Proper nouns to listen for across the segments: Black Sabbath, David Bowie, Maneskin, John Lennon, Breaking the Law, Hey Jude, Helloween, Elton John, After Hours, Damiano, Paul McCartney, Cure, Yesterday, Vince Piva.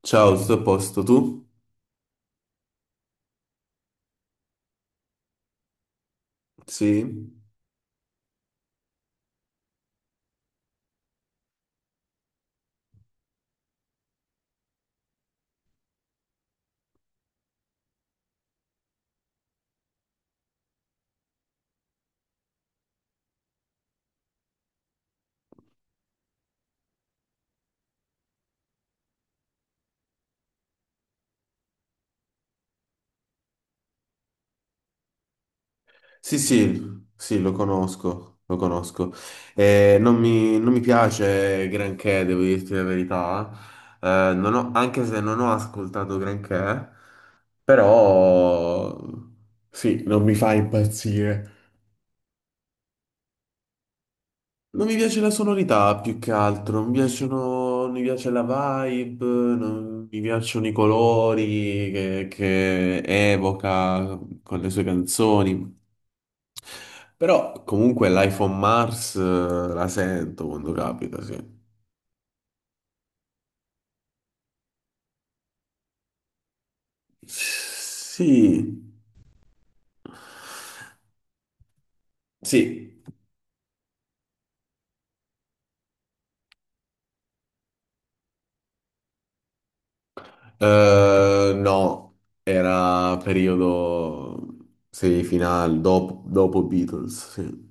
Ciao, tutto a posto, tu? Sì? Sì, sì, sì, lo conosco, lo conosco. Non mi piace granché, devo dirti la verità. Non ho- Anche se non ho ascoltato granché, però sì, non mi fa impazzire. Non mi piace la sonorità più che altro, non mi piace la vibe, non mi piacciono i colori che evoca con le sue canzoni. Però comunque l'iPhone Mars la sento quando capita, sì. Sì, sì. No, era periodo semifinale, dopo Beatles, sì.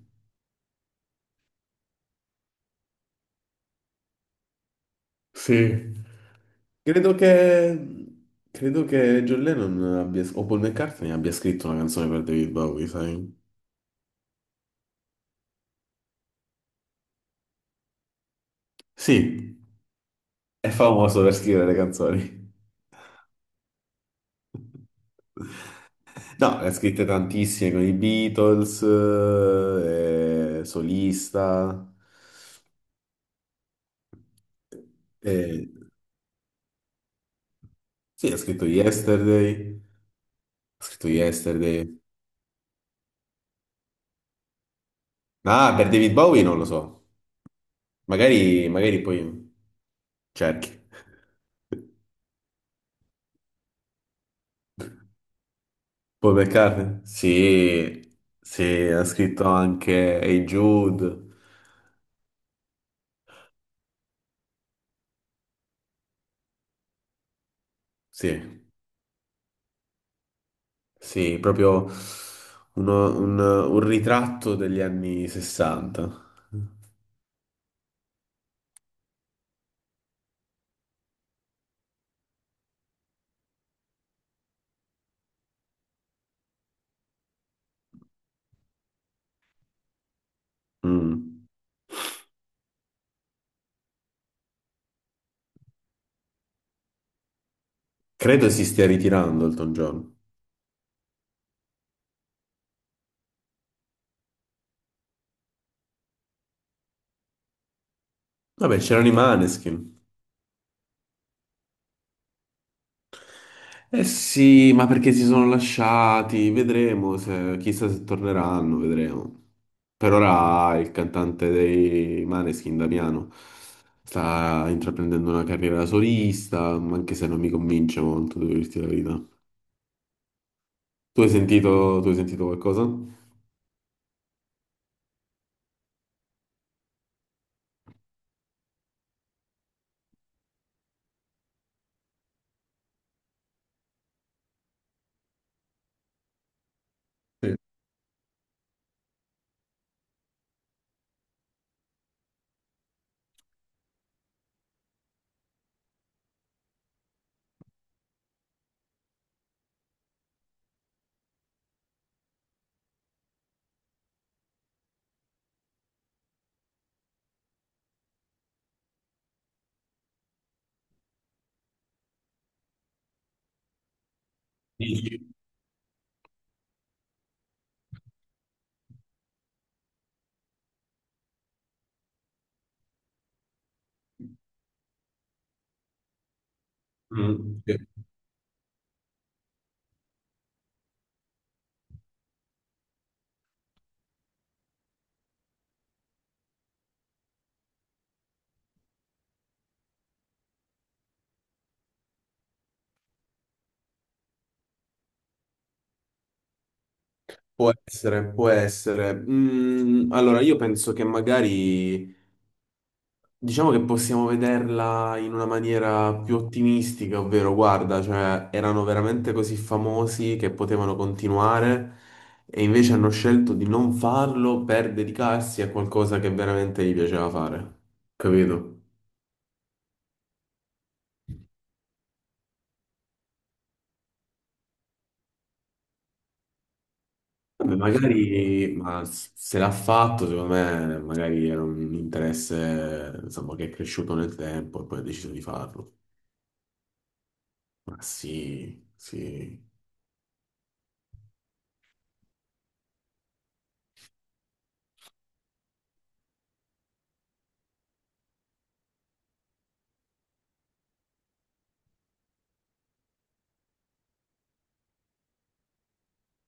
Sì. Credo che... Credo che John Lennon abbia, o Paul McCartney abbia scritto una canzone per David Bowie, sai? Sì, è famoso per scrivere le canzoni. No, ne ha scritte tantissime con i Beatles, solista. Eh, sì, ha scritto Yesterday. Ha scritto Yesterday. Ah, per David Bowie non lo so. Magari, magari poi cerchi. Paul McCartney? Sì, sì, ha scritto anche Hey Jude. Sì, sì, proprio un ritratto degli anni 60. Mm. Credo si stia ritirando Elton John. Vabbè, c'erano i Maneskin. Eh sì, ma perché si sono lasciati? Vedremo se, chissà se torneranno, vedremo. Per ora il cantante dei Maneskin, Damiano, sta intraprendendo una carriera da solista, ma anche se non mi convince molto, devo dirti la verità. Tu hai sentito qualcosa? Sì. Dici? Mm, sì. Può essere. Mm, allora, io penso che magari diciamo che possiamo vederla in una maniera più ottimistica, ovvero guarda, cioè erano veramente così famosi che potevano continuare, e invece hanno scelto di non farlo per dedicarsi a qualcosa che veramente gli piaceva fare. Capito? Vabbè, magari, se l'ha fatto, secondo me, magari era un interesse, insomma, che è cresciuto nel tempo e poi ha deciso di farlo. Ma sì, sì.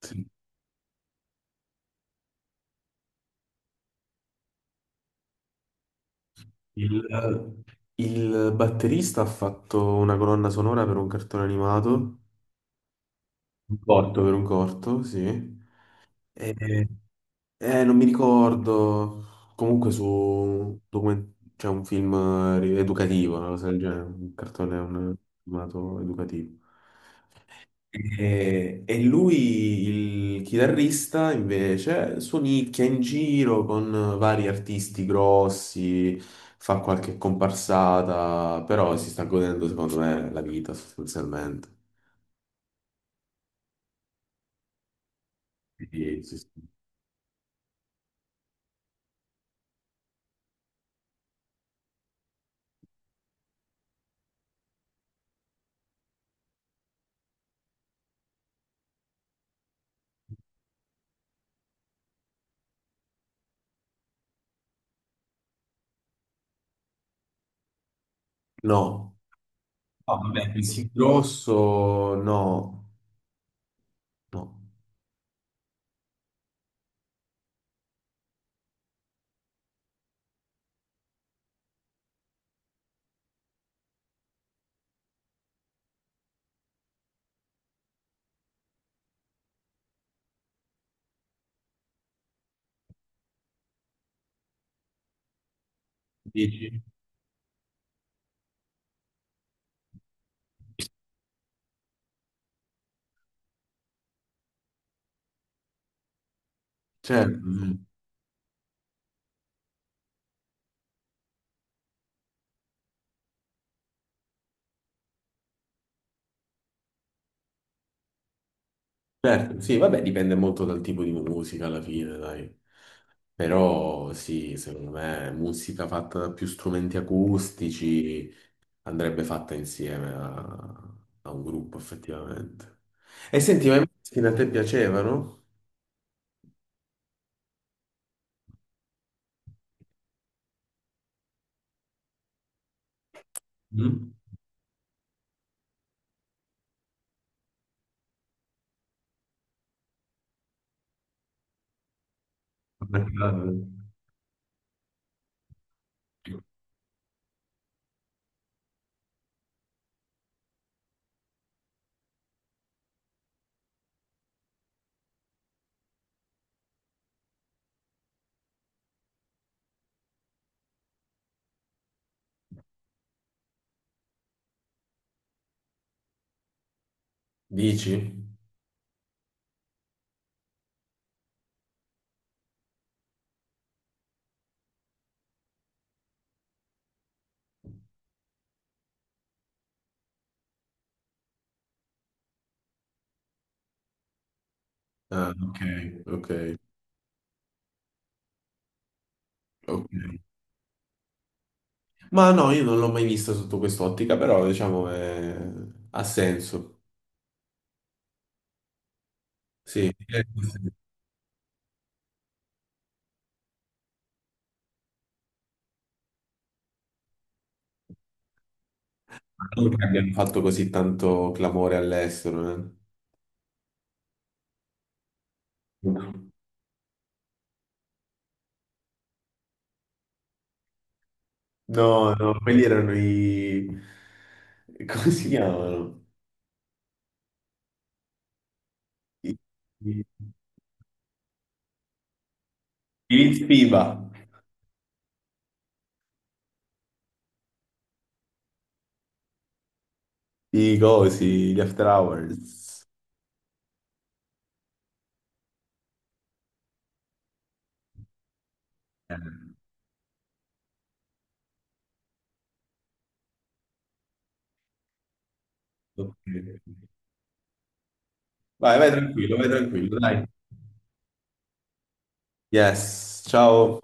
Sì. Il, il batterista ha fatto una colonna sonora per un cartone animato, un corto, sì. E- Non mi ricordo. Comunque c'è un film educativo, una cosa del genere, un animato educativo. E lui, il chitarrista, invece, suonicchia in giro con vari artisti grossi, fa qualche comparsata, però si sta godendo, secondo me, la vita sostanzialmente. Quindi, sì, sì. No, no, vabbè, così grosso, no, no. Dici? Certo. Certo, sì, vabbè, dipende molto dal tipo di musica alla fine, dai. Però sì, secondo me musica fatta da più strumenti acustici andrebbe fatta insieme a un gruppo, effettivamente. E senti, ma i Måneskin a te piacevano? Mm? Perché- Dici? Ah, ok, ok, ok. Ma no, io non l'ho mai vista sotto quest'ottica, però diciamo ha senso. Sì. Non che abbiano fatto così tanto clamore all'estero, eh. No, no, no, quelli erano i... come si chiamano? I, i, i Vince Piva, i cosi, gli After Hours. Eh, ok. Vai, vai tranquillo, dai. Yes, ciao.